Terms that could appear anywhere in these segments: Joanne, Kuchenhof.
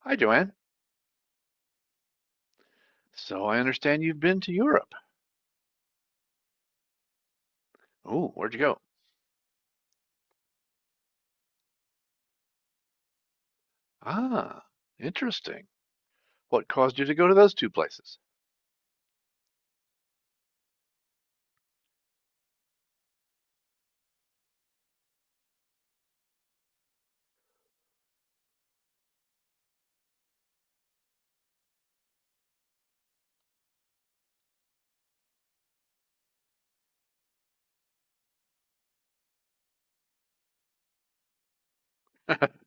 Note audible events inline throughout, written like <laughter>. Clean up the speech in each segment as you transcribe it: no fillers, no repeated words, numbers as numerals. Hi, Joanne. So I understand you've been to Europe. Oh, where'd you go? Ah, interesting. What caused you to go to those two places? <laughs>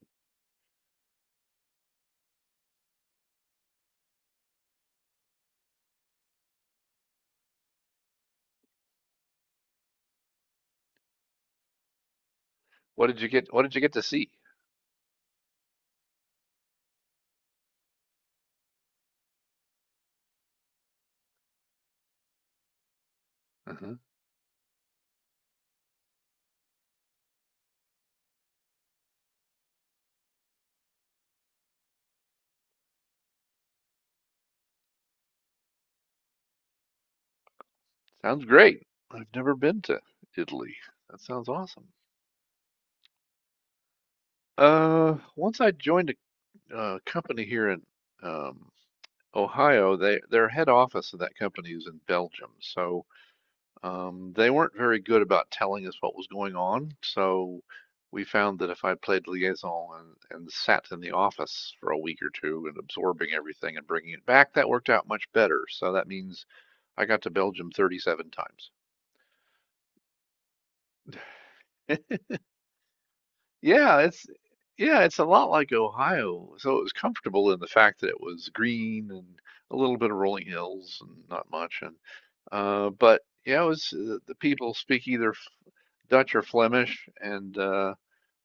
What did you get? What did you get to see? uh Sounds great. I've never been to Italy. That sounds awesome. Once I joined a company here in um, Ohio, they their head office of that company is in Belgium. So they weren't very good about telling us what was going on, so we found that if I played liaison and sat in the office for a week or two and absorbing everything and bringing it back, that worked out much better. So that means I got to Belgium 37 times. <laughs> Yeah, it's yeah, it's a lot like Ohio. So it was comfortable in the fact that it was green and a little bit of rolling hills and not much. And but yeah, it was the people speak either Dutch or Flemish, and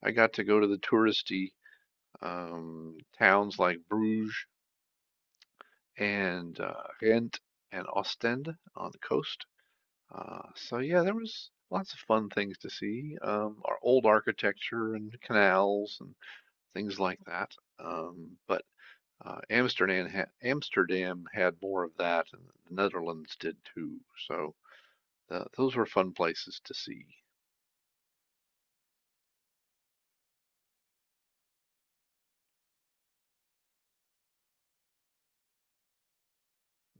I got to go to the touristy towns like Bruges and Ghent and Ostend on the coast. So yeah, there was lots of fun things to see. Our old architecture and canals and things like that. But Amsterdam had more of that, and the Netherlands did too. So those were fun places to see.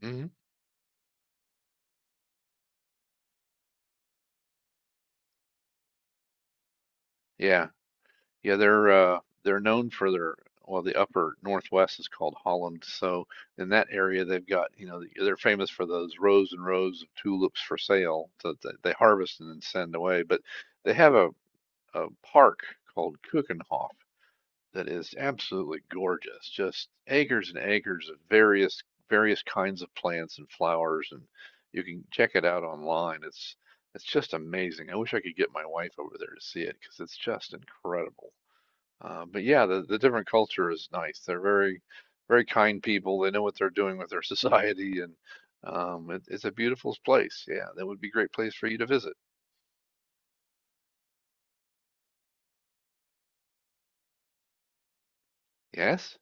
hmm Yeah. Yeah, they're known for their well, the upper northwest is called Holland. So in that area, they've got, you know, they're famous for those rows and rows of tulips for sale that they harvest and then send away. But they have a park called Kuchenhof that is absolutely gorgeous. Just acres and acres of various kinds of plants and flowers, and you can check it out online. It's just amazing. I wish I could get my wife over there to see it because it's just incredible. But yeah, the different culture is nice. They're very kind people. They know what they're doing with their <laughs> society, and it's a beautiful place. Yeah, that would be a great place for you to visit. Yes?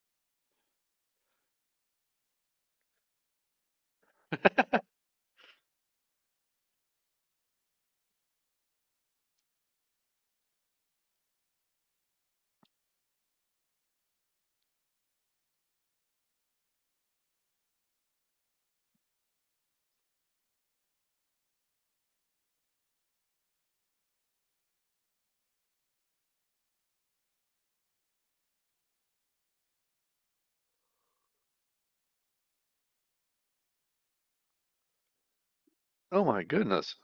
Oh my goodness.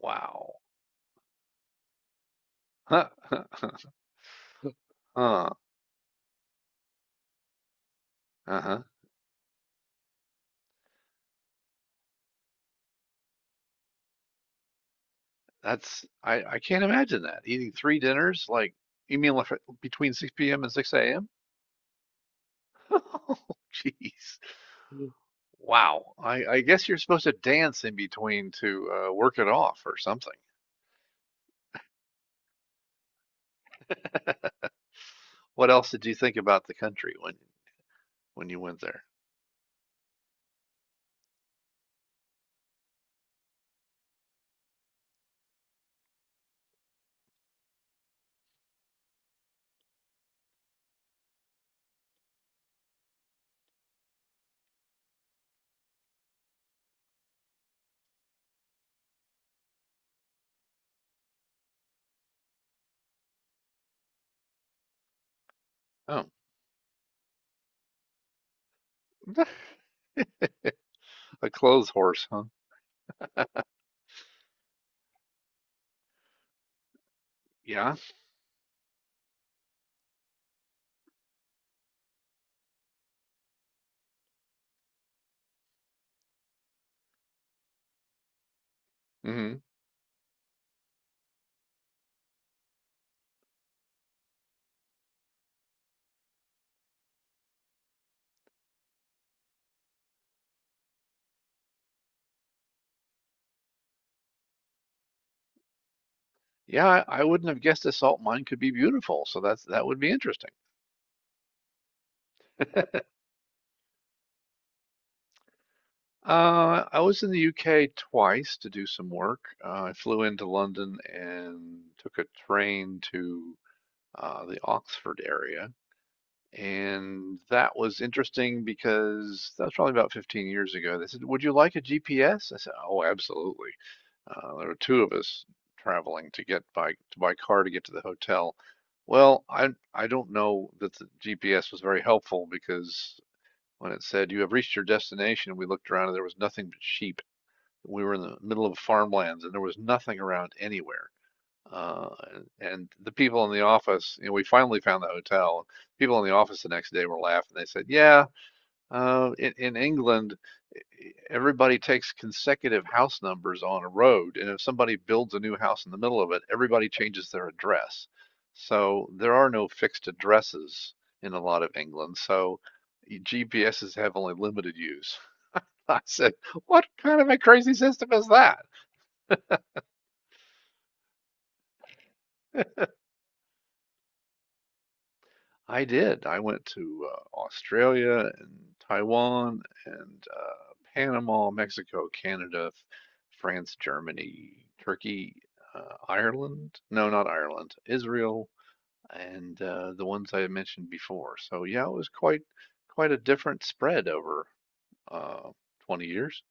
Wow. Huh. <laughs> Huh. Uh-huh. I can't imagine that. Eating three dinners, like you mean, between 6 p.m. and 6 a.m.? <laughs> Oh, jeez. Wow. I guess you're supposed to dance in between to work it off or something. <laughs> What else did you think about the country when you went there? Oh, <laughs> a clothes horse, huh? Yeah. hmm Yeah, I wouldn't have guessed a salt mine could be beautiful, so that would be interesting. <laughs> I was in the UK twice to do some work. I flew into London and took a train to the Oxford area. And that was interesting because that was probably about 15 years ago. They said, would you like a GPS? I said, oh, absolutely. There were two of us traveling to get by car to get to the hotel. Well, I don't know that the GPS was very helpful because when it said you have reached your destination, we looked around and there was nothing but sheep. We were in the middle of farmlands and there was nothing around anywhere. Uh, and the people in the office, you know, we finally found the hotel. People in the office the next day were laughing. They said, "Yeah, in England, everybody takes consecutive house numbers on a road, and if somebody builds a new house in the middle of it, everybody changes their address. So there are no fixed addresses in a lot of England, so GPSs have only limited use." <laughs> I said, what kind of a crazy system is that? I did. I went to Australia and Taiwan and Panama, Mexico, Canada, France, Germany, Turkey, Ireland. No, not Ireland. Israel and the ones I mentioned before. So yeah, it was quite a different spread over uh, 20 years.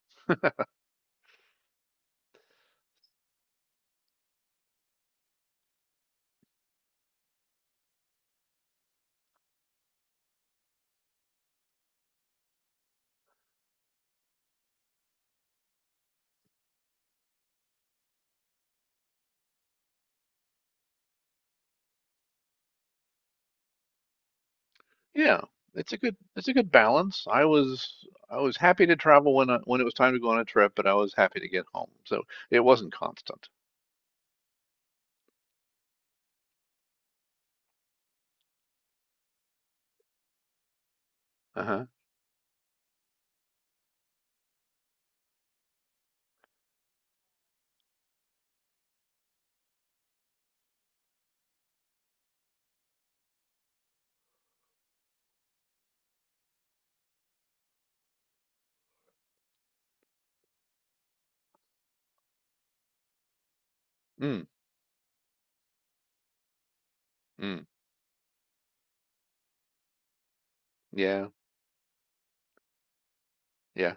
Yeah, it's a good balance. I was happy to travel when when it was time to go on a trip, but I was happy to get home. So it wasn't constant. Uh-huh. Mm. Mm, yeah, yeah.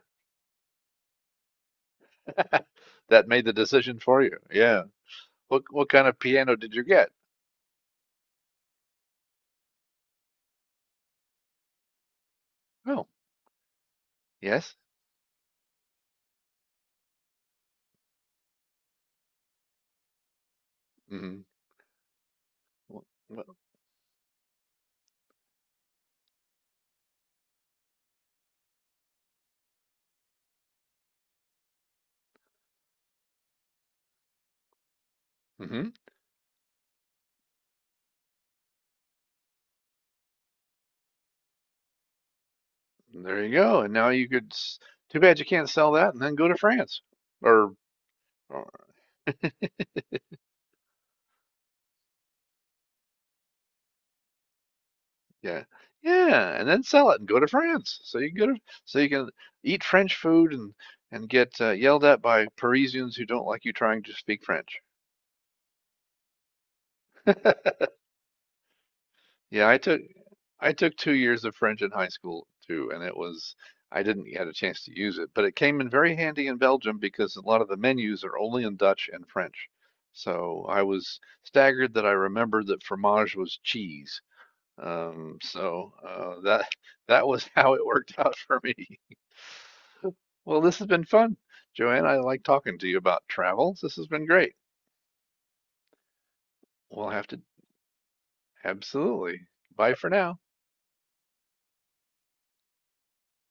<laughs> That made the decision for you. Yeah. What kind of piano did you get? Oh, yes. Mm-hmm. Well, Mm-hmm. There you go. And now you could. Too bad you can't sell that and then go to France. Or, or <laughs> yeah, yeah, and then sell it and go to France. So you can eat French food and get yelled at by Parisians who don't like you trying to speak French. <laughs> Yeah, I took 2 years of French in high school too, and it was I didn't get a chance to use it, but it came in very handy in Belgium because a lot of the menus are only in Dutch and French. So I was staggered that I remembered that fromage was cheese. That <laughs> that was how it worked out for me. Well, this has been fun, Joanne. I like talking to you about travels. This has been great. We'll have to Absolutely. Bye for now.